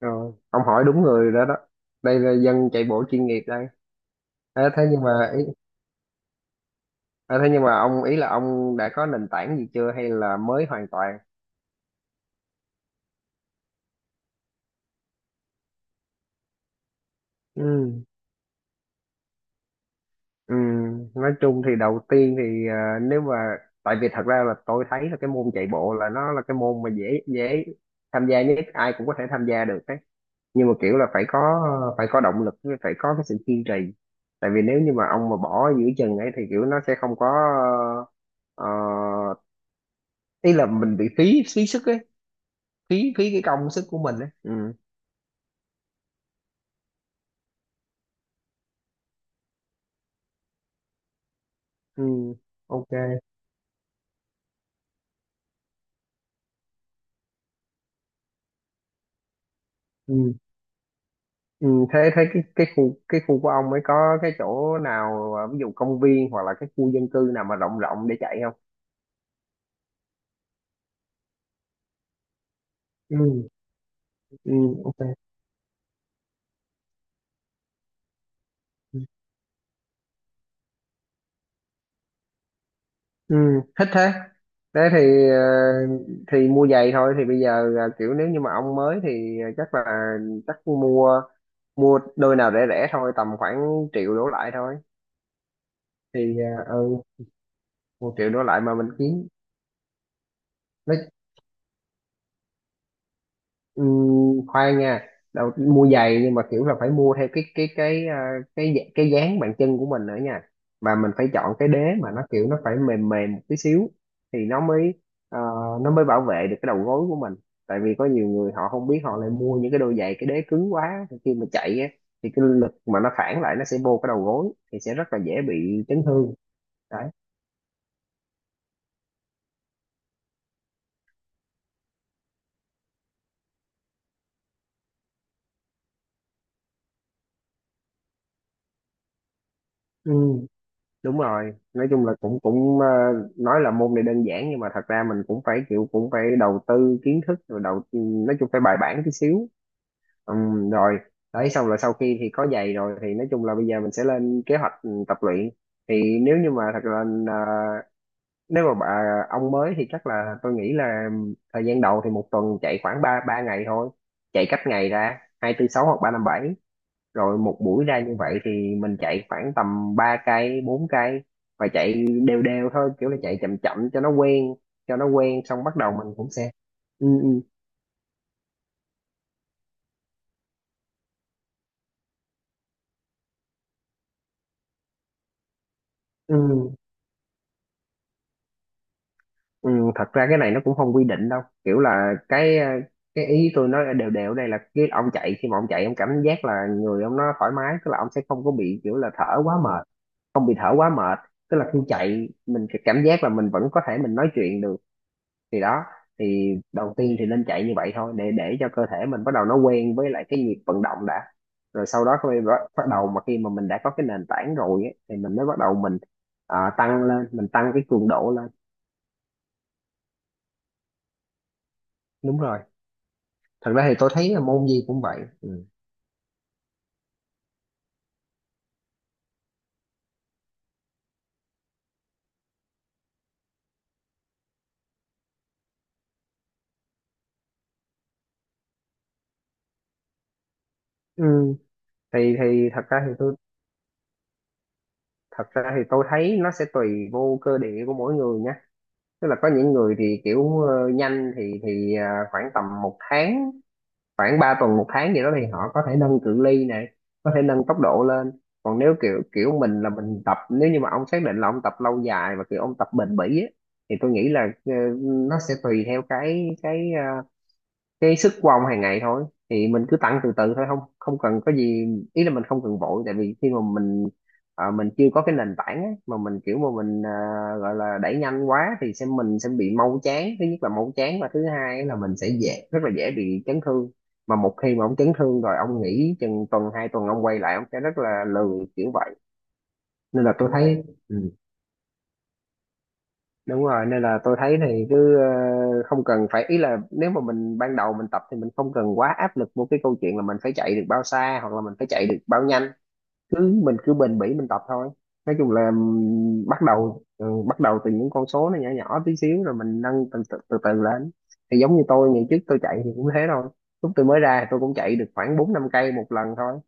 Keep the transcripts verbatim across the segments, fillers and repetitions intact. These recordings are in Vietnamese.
Rồi, ông hỏi đúng người đó đó. Đây là dân chạy bộ chuyên nghiệp đây. Thế thế nhưng mà ý, à, Thế nhưng mà ông ý là ông đã có nền tảng gì chưa hay là mới hoàn toàn? Ừ. Ừ, nói chung thì đầu tiên thì à, nếu mà tại vì thật ra là tôi thấy là cái môn chạy bộ là nó là cái môn mà dễ dễ tham gia nhất, ai cũng có thể tham gia được đấy, nhưng mà kiểu là phải có phải có động lực, với phải có cái sự kiên trì. Tại vì nếu như mà ông mà bỏ giữa chừng ấy thì kiểu nó sẽ không có, ờ, ý là mình bị phí phí sức ấy, phí phí cái công sức của mình ấy. Ừ, ừ, ok, ừ, ừ, thế thế cái cái khu cái khu của ông ấy có cái chỗ nào, à, ví dụ công viên hoặc là cái khu dân cư nào mà rộng rộng để chạy không? Ừ, ừ, ok, ừ. Ừ, thích thế. Thế thì ờ, thì mua giày thôi. Thì bây giờ là kiểu nếu như mà ông mới thì ờ, chắc là, chắc mua mua đôi nào rẻ rẻ thôi, tầm khoảng triệu đổ lại thôi. Thì ờ, ừ, một triệu đổ lại mà mình kiếm, nói. Ừ, khoan nha. Đầu mua giày nhưng mà kiểu là phải mua theo cái cái cái à, cái dạ- cái dáng bàn chân của mình nữa nha. Và mình phải chọn cái đế mà nó kiểu nó phải mềm mềm một tí xíu thì nó mới, ờ, nó mới bảo vệ được cái đầu gối của mình. Tại vì có nhiều người họ không biết, họ lại mua những cái đôi giày cái đế cứng quá, thì khi mà chạy á, thì cái lực mà nó phản lại nó sẽ vô cái đầu gối thì sẽ rất là dễ bị chấn thương. Đấy. Ừ. Đúng rồi, nói chung là cũng cũng ờ, nói là môn này đơn giản nhưng mà thật ra mình cũng phải kiểu, cũng phải đầu tư kiến thức rồi đầu, ừ, nói chung phải bài bản tí xíu. Ừm, rồi, đấy, xong rồi sau khi thì có giày rồi thì nói chung là bây giờ mình sẽ lên kế hoạch, ừ, tập luyện. Thì nếu như mà thật là, ờ, nếu mà bà, ông mới thì chắc là tôi nghĩ là thời gian đầu thì một tuần chạy khoảng ba ba ngày thôi, chạy cách ngày ra hai tư sáu hoặc ba năm bảy. Rồi một buổi ra như vậy thì mình chạy khoảng tầm ba cây bốn cây, và chạy đều đều thôi, kiểu là chạy chậm chậm cho nó quen, cho nó quen xong bắt đầu mình cũng sẽ, ừ, ừ, ừ, ừ. Thật ra cái này nó cũng không quy định đâu, kiểu là cái, ờ, cái ý tôi nói là đều đều ở đây là cái ông chạy, khi mà ông chạy ông cảm giác là người ông nó thoải mái, tức là ông sẽ không có bị kiểu là thở quá mệt, không bị thở quá mệt, tức là khi chạy mình sẽ cảm giác là mình vẫn có thể mình nói chuyện được. Thì đó, thì đầu tiên thì nên chạy như vậy thôi để để cho cơ thể mình bắt đầu nó quen với lại cái nhịp vận động đã. Rồi sau đó khi bắt bắt đầu mà khi mà mình đã có cái nền tảng rồi ấy, thì mình mới bắt đầu mình, à, tăng lên, mình tăng cái cường độ lên. Đúng rồi, thật ra thì tôi thấy là môn gì cũng vậy. Ừ. Ừ. thì thì thật ra thì tôi Thật ra thì tôi thấy nó sẽ tùy vô cơ địa của mỗi người nhé. Tức là có những người thì kiểu, ờ, nhanh thì thì à, khoảng tầm một tháng, khoảng ba tuần một tháng gì đó thì họ có thể nâng cự ly này, có thể nâng tốc độ lên. Còn nếu kiểu kiểu mình là mình tập, nếu như mà ông xác định là ông tập lâu dài và kiểu ông tập bền bỉ á, thì tôi nghĩ là, ờ, nó sẽ tùy theo cái cái ờ, cái sức của ông hàng ngày thôi. Thì mình cứ tăng từ từ thôi, không không cần có gì, ý là mình không cần vội. Tại vì khi mà mình, ờ, mình chưa có cái nền tảng á, mà mình kiểu mà mình, ờ, gọi là đẩy nhanh quá thì sẽ mình sẽ bị mau chán, thứ nhất là mau chán, và thứ hai là mình sẽ dễ, rất là dễ bị chấn thương. Mà một khi mà ông chấn thương rồi ông nghỉ chừng tuần hai tuần ông quay lại ông sẽ rất là lười kiểu vậy. Nên là tôi thấy, ừ, đúng rồi, nên là tôi thấy thì cứ, ờ, không cần phải, ý là nếu mà mình ban đầu mình tập thì mình không cần quá áp lực một cái câu chuyện là mình phải chạy được bao xa hoặc là mình phải chạy được bao nhanh. Cứ mình cứ bền bỉ mình tập thôi. Nói chung là ừm, bắt đầu ừ, bắt đầu từ những con số nó nhỏ nhỏ tí xíu rồi mình nâng từ từ, từ từ lên. Thì giống như tôi ngày trước tôi chạy thì cũng thế thôi, lúc tôi mới ra tôi cũng chạy được khoảng bốn năm cây một lần thôi.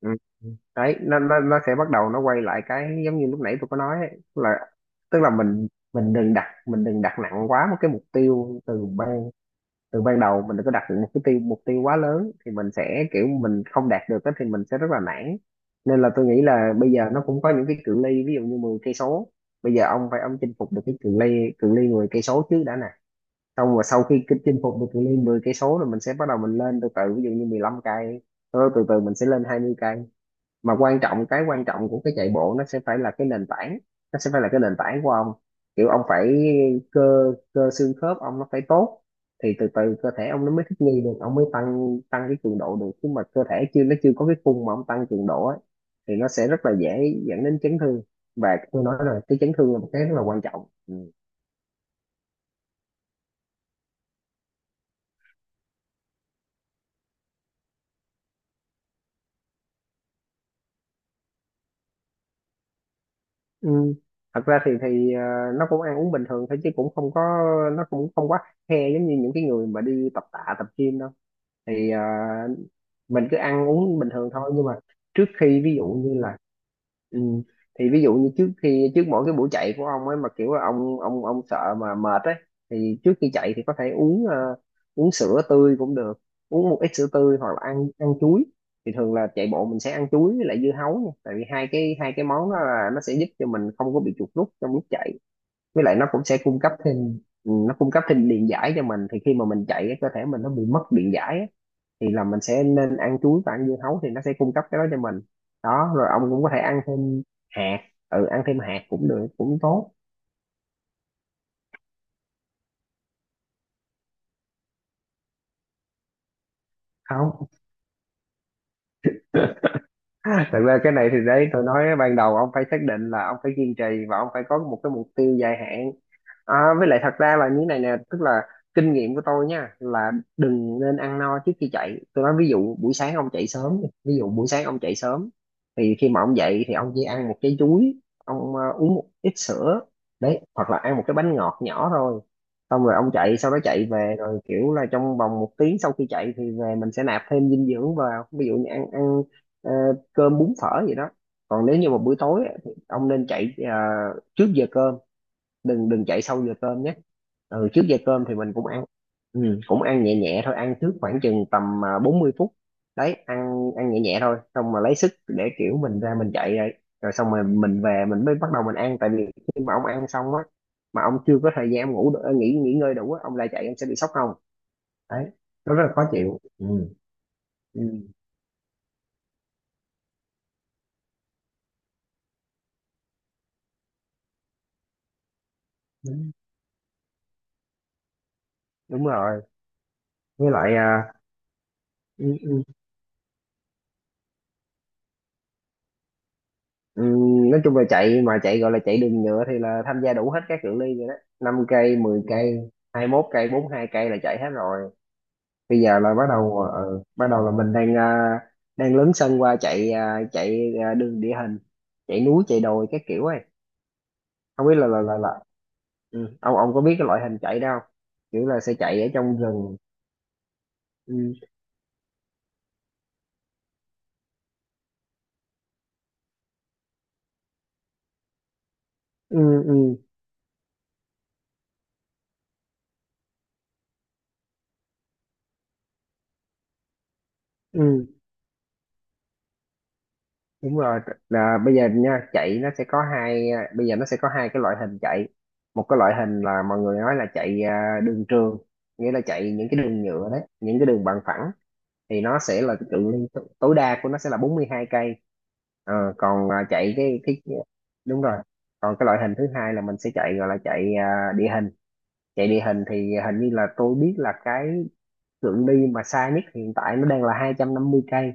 Ừ. Đấy, nó, nó nó sẽ bắt đầu nó quay lại cái giống như lúc nãy tôi có nói ấy, tức là, tức là mình mình đừng đặt, mình đừng đặt nặng quá một cái mục tiêu từ ban, từ ban đầu. Mình đừng có đặt một cái tiêu mục tiêu quá lớn thì mình sẽ kiểu mình không đạt được á thì mình sẽ rất là nản. Nên là tôi nghĩ là bây giờ nó cũng có những cái cự ly, ví dụ như mười cây số. Bây giờ ông phải, ông chinh phục được cái cự ly cự ly mười cây số trước đã nè. Xong rồi sau khi cái chinh phục được cự ly mười cây số rồi mình sẽ bắt đầu mình lên từ từ, ví dụ như mười lăm cây, sau đó từ từ mình sẽ lên hai mươi cây. Mà quan trọng cái quan trọng của cái chạy bộ nó sẽ phải là cái nền tảng, nó sẽ phải là cái nền tảng của ông. Kiểu ông phải, cơ cơ xương khớp ông nó phải tốt. Thì từ từ cơ thể ông nó mới thích nghi được ông mới tăng tăng cái cường độ được. Chứ mà cơ thể chưa nó chưa có cái khung mà ông tăng cường độ ấy, thì nó sẽ rất là dễ dẫn đến chấn thương. Và tôi nói rồi, cái chấn thương là một cái rất là quan trọng. Ừ. Ừ. Thật ra thì thì ờ, nó cũng ăn uống bình thường thôi chứ cũng không có, nó cũng không quá khe giống như những cái người mà đi tập tạ tập gym đâu. Thì ờ, mình cứ ăn uống bình thường thôi, nhưng mà trước khi ví dụ như là, ừ, thì ví dụ như trước khi, trước mỗi cái buổi chạy của ông ấy mà kiểu là ông ông ông sợ mà mệt ấy, thì trước khi chạy thì có thể uống, ờ, uống sữa tươi cũng được, uống một ít sữa tươi hoặc là ăn, ăn chuối. Thì thường là chạy bộ mình sẽ ăn chuối với lại dưa hấu nha. Tại vì hai cái hai cái món đó là nó sẽ giúp cho mình không có bị chuột rút trong lúc chạy, với lại nó cũng sẽ cung cấp thêm, ừ, nó cung cấp thêm điện giải cho mình, thì khi mà mình chạy cái cơ thể mình nó bị mất điện giải á, thì là mình sẽ nên ăn chuối và ăn dưa hấu thì nó sẽ cung cấp cái đó cho mình. Đó, rồi ông cũng có thể ăn thêm hạt, ừ, ăn thêm hạt cũng được, cũng tốt. Không, thật ra cái này thì, đấy, tôi nói ban đầu ông phải xác định là ông phải kiên trì, và ông phải có một cái mục tiêu dài hạn. À, với lại thật ra là như này nè, tức là kinh nghiệm của tôi nha là đừng nên ăn no trước khi chạy. Tôi nói, ví dụ buổi sáng ông chạy sớm, đi. Ví dụ buổi sáng ông chạy sớm, thì khi mà ông dậy thì ông chỉ ăn một trái chuối, ông, ờ, uống một ít sữa. Đấy, hoặc là ăn một cái bánh ngọt nhỏ thôi. Xong rồi ông chạy, sau đó chạy về, rồi kiểu là trong vòng một tiếng sau khi chạy thì về mình sẽ nạp thêm dinh dưỡng vào, ví dụ như ăn ăn ờ, cơm bún phở gì đó. Còn nếu như mà buổi tối á, thì ông nên chạy ờ, trước giờ cơm, đừng đừng chạy sau giờ cơm nhé. Ừ, trước giờ cơm thì mình cũng ăn, ừ, cũng ăn nhẹ nhẹ thôi, ăn trước khoảng chừng tầm à, bốn mươi phút. Đấy, ăn ăn nhẹ nhẹ thôi, xong mà lấy sức để kiểu mình ra mình chạy rồi, rồi xong rồi mình về mình mới bắt đầu mình ăn. Tại vì khi mà ông ăn xong á, mà ông chưa có thời gian ông ngủ đ- nghỉ nghỉ ngơi đủ á, ông lại chạy ông sẽ bị sốc không. Đấy, nó rất là khó chịu. Ừ. Ừ. Đúng, đúng rồi. Với lại, à, ừ, ừ. Ừm, nói chung là chạy, mà chạy gọi là chạy đường nhựa thì là tham gia đủ hết các cự ly rồi đó. Năm cây, mười cây, hai mốt cây, bốn hai cây là chạy hết rồi. Bây giờ là bắt đầu, ờ, bắt đầu là mình đang à, đang lớn sân qua chạy à, chạy à, đường địa hình, chạy núi chạy đồi các kiểu ấy. Không biết là là là, là. Ừ. ông ông có biết cái loại hình chạy đó không? Kiểu là sẽ chạy ở trong rừng. Ừ. Ừ, ừ, ừ. Đúng rồi. Là bây giờ nha, chạy nó sẽ có hai, à, bây giờ nó sẽ có hai cái loại hình chạy. Một cái loại hình là mọi người nói là chạy, à, đường trường, nghĩa là chạy những cái đường nhựa đấy, những cái đường bằng phẳng, thì nó sẽ là cái cự ly t- tối đa của nó sẽ là bốn mươi hai cây. Ờ, còn à, chạy cái cái đúng rồi, còn cái loại hình thứ hai là mình sẽ chạy gọi là chạy à, địa hình. Chạy địa hình thì hình như là tôi biết là cái cự ly mà xa nhất hiện tại nó đang là hai trăm năm mươi cây,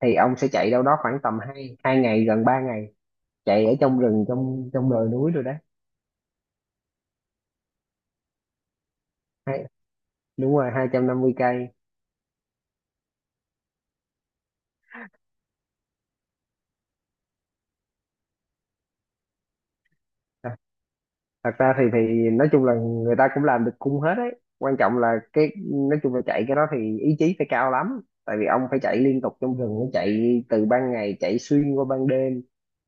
thì ông sẽ chạy đâu đó khoảng tầm hai hai ngày gần ba ngày, chạy ở trong rừng, trong trong đồi núi rồi đấy. Hai- Đúng rồi, hai trăm năm mươi cây. Thật ra thì thì nói chung là người ta cũng làm được cung hết đấy, quan trọng là cái, nói chung là chạy cái đó thì ý chí phải cao lắm, tại vì ông phải chạy liên tục trong rừng, nó chạy từ ban ngày chạy xuyên qua ban đêm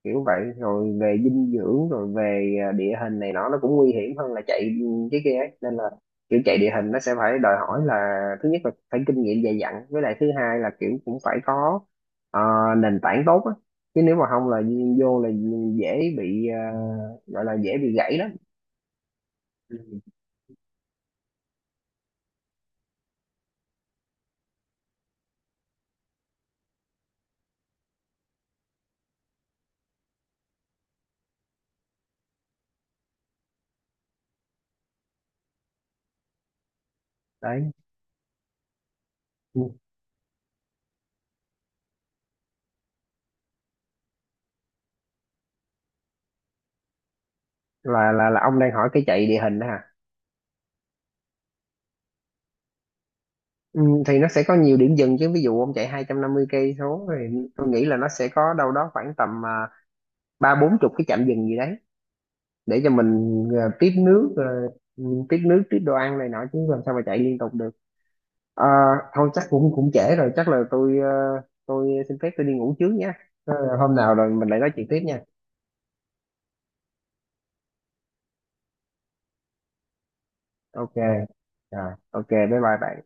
kiểu vậy, rồi về dinh dưỡng rồi về à, địa hình này nọ nó cũng nguy hiểm hơn là chạy cái kia ấy, nên là kiểu chạy địa hình nó sẽ phải đòi hỏi là thứ nhất là phải kinh nghiệm dày dặn, với lại thứ hai là kiểu cũng phải có, ờ, nền tảng tốt á, chứ nếu mà không là vô là dễ bị, à, gọi là dễ bị gãy đó. Ừ. Đấy. Ừ. là là là ông đang hỏi cái chạy địa hình đó hả? Ừ, thì nó sẽ có nhiều điểm dừng chứ, ví dụ ông chạy hai trăm năm mươi cây số thì tôi nghĩ là nó sẽ có đâu đó khoảng tầm à, ba bốn chục cái trạm dừng gì đấy, để cho mình à, tiếp nước, à, ừ, tiếp nước tiếp đồ ăn này nọ, chứ làm sao mà chạy liên tục được. Ờ, thôi chắc cũng cũng trễ rồi, chắc là tôi ờ, tôi xin phép tôi đi ngủ trước nhé. Ờ, hôm nào rồi mình lại nói chuyện tiếp nha. Ok. Rồi, ok, bye bye bạn.